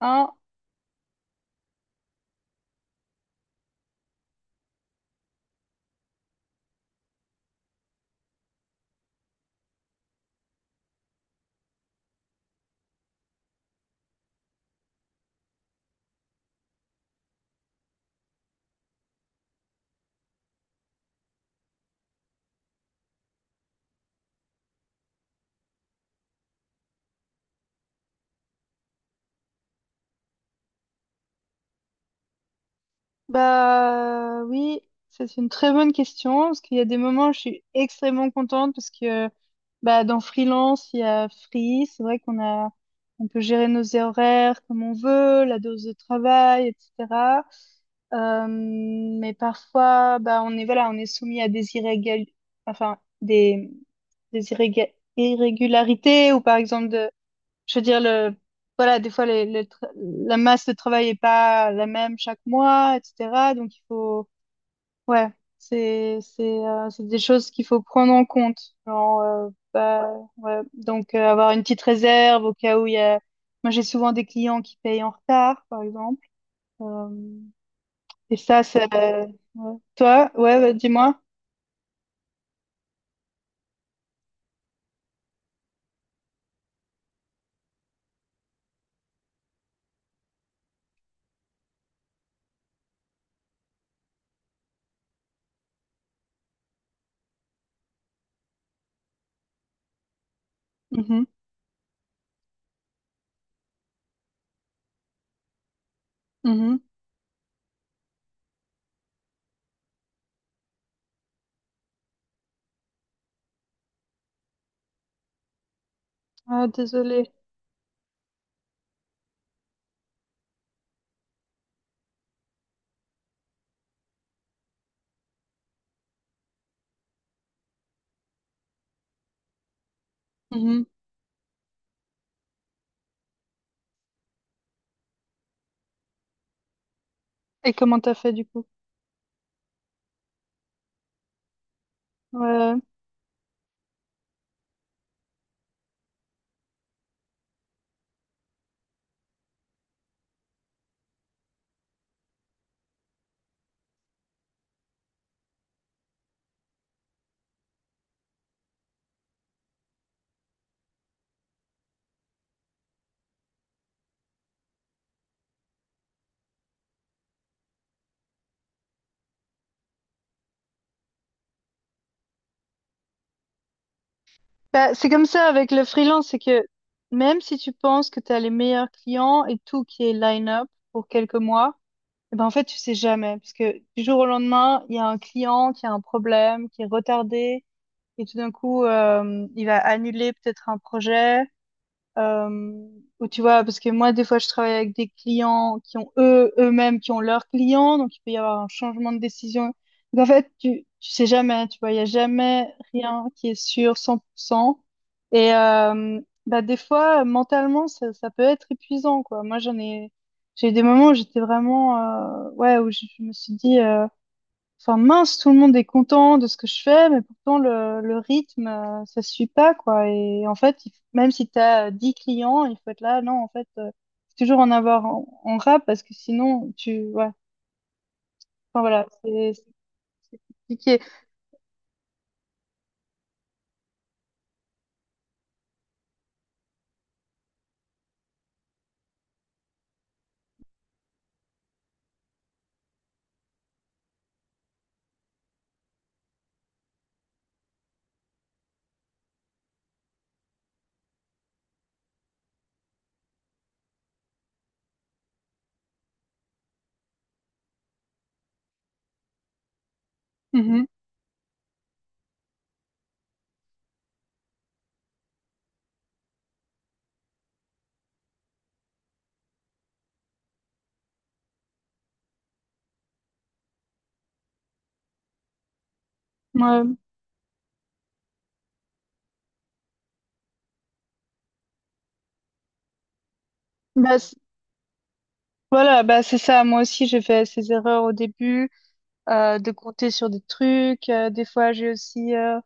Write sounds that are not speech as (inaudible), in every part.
Hein, bah oui, ça, c'est une très bonne question parce qu'il y a des moments où je suis extrêmement contente parce que bah dans freelance il y a free, c'est vrai qu'on a on peut gérer nos horaires comme on veut, la dose de travail, etc. Mais parfois bah on est soumis à des irrégal enfin des irrégularités ou par exemple de. Je veux dire, voilà, des fois, la masse de travail est pas la même chaque mois, etc. Donc, il faut, ouais, c'est des choses qu'il faut prendre en compte. Genre, bah, ouais. Donc, avoir une petite réserve au cas où il y a, moi, j'ai souvent des clients qui payent en retard, par exemple. Euh, et ça, c'est, ouais. Toi, ouais, bah, dis-moi. Mhm, mhm. Ah, désolé. Mhm. Et comment t'as fait, du coup? Ouais, ouais. Bah, c'est comme ça avec le freelance, c'est que même si tu penses que tu as les meilleurs clients et tout qui est line-up pour quelques mois, eh ben en fait, tu sais jamais. Parce que du jour au lendemain, il y a un client qui a un problème, qui est retardé, et tout d'un coup, il va annuler peut-être un projet. Euh, ou tu vois, parce que moi, des fois, je travaille avec des clients qui ont eux, eux-mêmes, qui ont leurs clients, donc il peut y avoir un changement de décision. Donc, en fait, tu sais jamais, hein, tu vois, il y a jamais rien qui est sûr cent pour cent. Et bah, des fois, mentalement, ça peut être épuisant, quoi. Moi, j'ai eu des moments où j'étais vraiment, ouais, où je me suis dit, enfin, mince, tout le monde est content de ce que je fais, mais pourtant le rythme, ça suit pas, quoi. Et en fait, même si tu as 10 clients, il faut être là. Non, en fait, faut toujours en avoir en rab parce que sinon, tu, ouais. Enfin, voilà, c'est compliqué. Mhm. Ouais. Bah, voilà, bah, c'est ça. Moi aussi, j'ai fait ces erreurs au début, de compter sur des trucs. Des fois, j'ai aussi,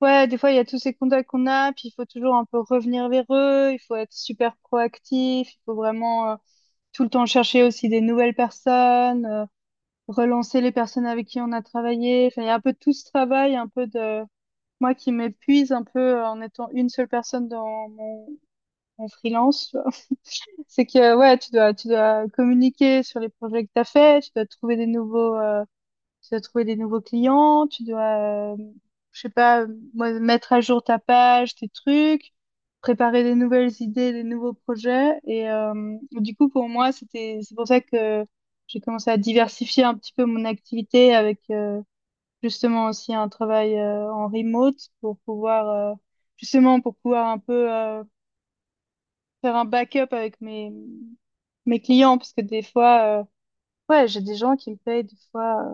ouais, des fois, il y a tous ces contacts qu'on a, puis il faut toujours un peu revenir vers eux, il faut être super proactif, il faut vraiment tout le temps chercher aussi des nouvelles personnes, relancer les personnes avec qui on a travaillé. Enfin, il y a un peu tout ce travail, un peu de moi qui m'épuise un peu en étant une seule personne dans mon freelance. Tu vois. (laughs) C'est que ouais, tu dois communiquer sur les projets que t'as fait, tu dois trouver des nouveaux clients, tu dois, je sais pas, moi, mettre à jour ta page, tes trucs, préparer des nouvelles idées, des nouveaux projets. Et du coup, pour moi, c'est pour ça que j'ai commencé à diversifier un petit peu mon activité avec justement aussi un travail en remote pour pouvoir, euh, justement, pour pouvoir un peu faire un backup avec mes clients parce que des fois, ouais, j'ai des gens qui me payent des fois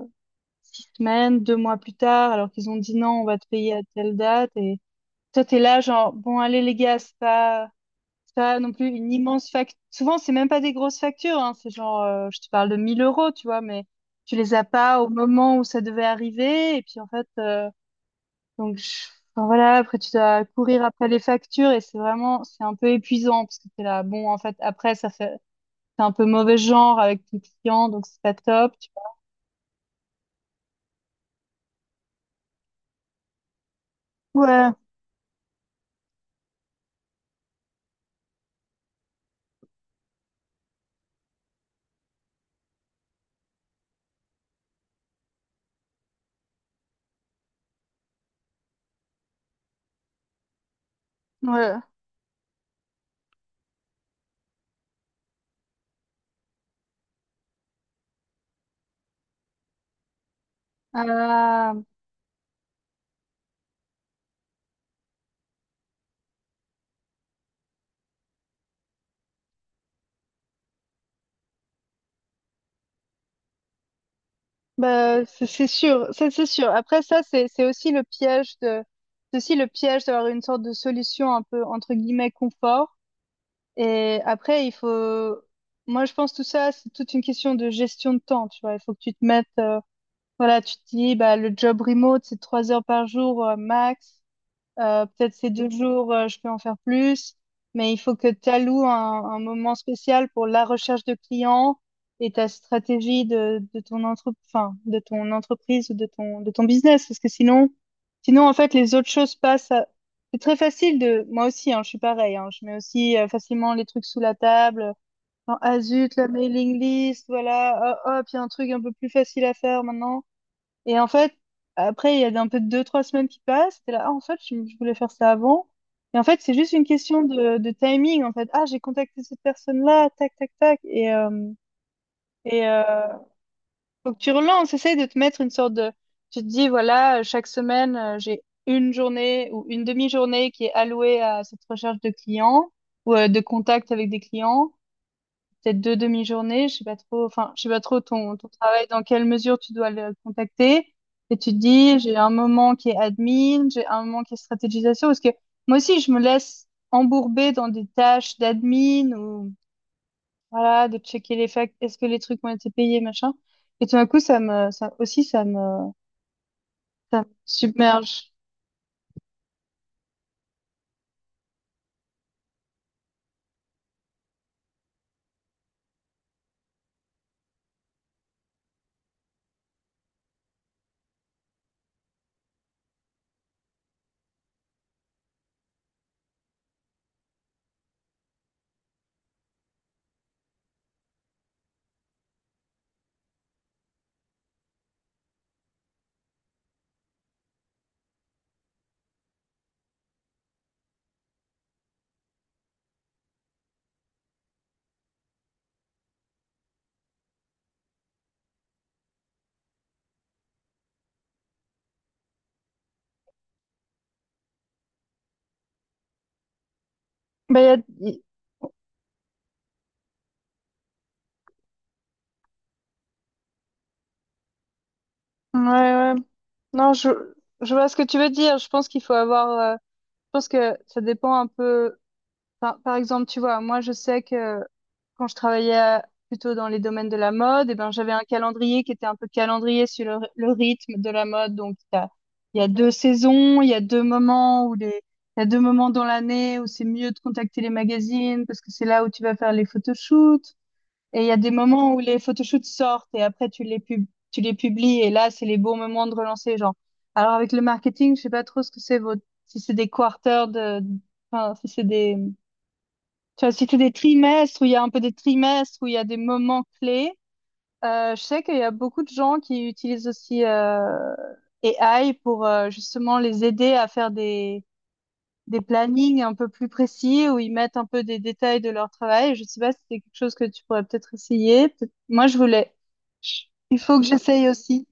6 semaines, 2 mois plus tard, alors qu'ils ont dit non, on va te payer à telle date. Et toi, t'es là, genre, bon, allez, les gars, c'est pas non plus une immense facture. Souvent, c'est même pas des grosses factures, hein, c'est genre, je te parle de 1000 euros, tu vois, mais tu les as pas au moment où ça devait arriver. Et puis, en fait, donc, enfin, voilà, après, tu dois courir après les factures et c'est un peu épuisant parce que t'es là, bon, en fait, après, c'est un peu mauvais genre avec tes clients, donc c'est pas top. Tu vois. Ouais, ouais. Euh, Bah, c'est sûr, ça c'est sûr. Après ça, c'est aussi le piège d'avoir une sorte de solution un peu entre guillemets confort. Et après, il faut, moi je pense tout ça, c'est toute une question de gestion de temps. Tu vois, il faut que tu te mettes, voilà, tu te dis, bah le job remote c'est 3 heures par jour max. Peut-être ces 2 jours, je peux en faire plus, mais il faut que tu alloues un moment spécial pour la recherche de clients et ta stratégie de ton enfin, de ton entreprise ou de ton business. Parce que sinon, en fait, les autres choses passent à. C'est très facile de, moi aussi, hein, je suis pareil, hein, je mets aussi facilement les trucs sous la table. Genre, ah zut, la mailing list, voilà, hop, hop, il y a un truc un peu plus facile à faire maintenant. Et en fait, après, il y a un peu de deux, trois semaines qui passent. T'es là, ah, en fait, je voulais faire ça avant. Et en fait, c'est juste une question de timing, en fait. Ah, j'ai contacté cette personne-là, tac, tac, tac. Et euh, Faut que tu relances. Essaye de te mettre une sorte de. Tu te dis, voilà, chaque semaine, j'ai une journée ou une demi-journée qui est allouée à cette recherche de clients ou de contact avec des clients peut-être 2 demi-journées, je sais pas trop, enfin, je sais pas trop ton travail, dans quelle mesure tu dois le contacter. Et tu te dis, j'ai un moment qui est admin, j'ai un moment qui est stratégisation, parce que moi aussi, je me laisse embourber dans des tâches d'admin ou, voilà, de checker les factures, est-ce que les trucs ont été payés, machin. Et tout d'un coup, ça aussi, ça me submerge. Bah, ouais, ouais. Non, je vois ce que tu veux dire. Je pense qu'il faut avoir, je pense que ça dépend un peu. Par exemple, tu vois, moi, je sais que quand je travaillais plutôt dans les domaines de la mode, eh ben, j'avais un calendrier qui était un peu calendrier sur le rythme de la mode. Donc, il y a 2 saisons, il y a deux moments dans l'année où c'est mieux de contacter les magazines parce que c'est là où tu vas faire les photoshoots. Et il y a des moments où les photoshoots sortent et après tu les publies et là, c'est les bons moments de relancer les gens. Alors, avec le marketing, je sais pas trop ce que c'est votre, si c'est des quarters de, enfin, si c'est des tu vois, si c'est des trimestres où il y a un peu des trimestres, où il y a des moments clés, je sais qu'il y a beaucoup de gens qui utilisent aussi AI pour justement les aider à faire des, plannings un peu plus précis, où ils mettent un peu des détails de leur travail. Je sais pas si c'est quelque chose que tu pourrais peut-être essayer. Moi, je voulais. Chut, il faut que j'essaye aussi.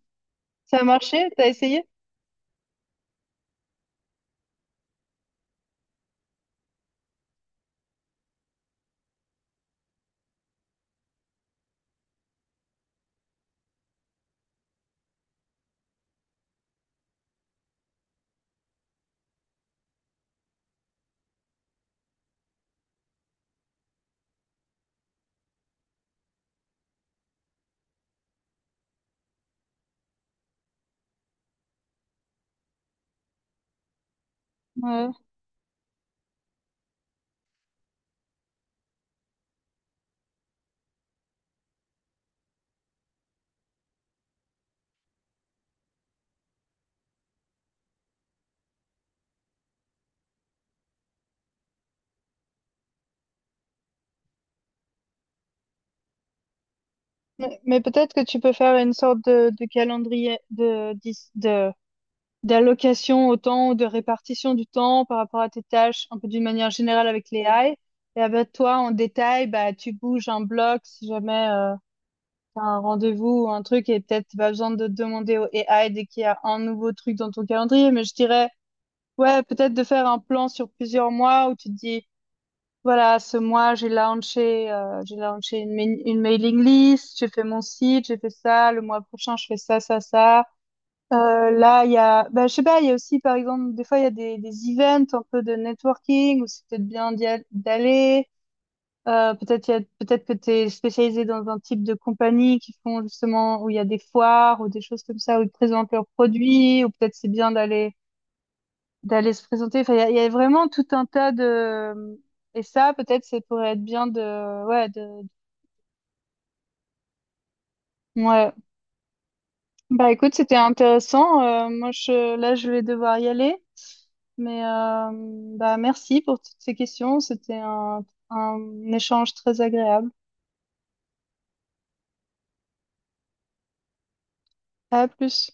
Ça a marché? T'as essayé? Ouais. Mais peut-être que tu peux faire une sorte de calendrier de, dix- de d'allocation au temps, de répartition du temps par rapport à tes tâches, un peu d'une manière générale avec l'AI. Et avec toi, en détail, bah, tu bouges un bloc si jamais tu as un rendez-vous ou un truc et peut-être tu besoin de demander au AI dès qu'il y a un nouveau truc dans ton calendrier. Mais je dirais, ouais, peut-être de faire un plan sur plusieurs mois où tu te dis, voilà, ce mois, j'ai launché une mailing list, j'ai fait mon site, j'ai fait ça, le mois prochain, je fais ça, ça, ça. Là, il y a, bah, je sais pas, il y a aussi, par exemple, des fois, il y a des events un peu de networking où c'est peut-être bien d'aller. Peut-être, peut-être que tu es spécialisé dans un type de compagnie qui font justement où il y a des foires ou des choses comme ça où ils présentent leurs produits ou peut-être c'est bien d'aller, se présenter. Enfin, il y a vraiment tout un tas de, et ça, peut-être, ça pourrait être bien de, ouais, de, ouais. Bah, écoute, c'était intéressant. Moi, là, je vais devoir y aller. Mais bah, merci pour toutes ces questions. C'était un échange très agréable. À plus.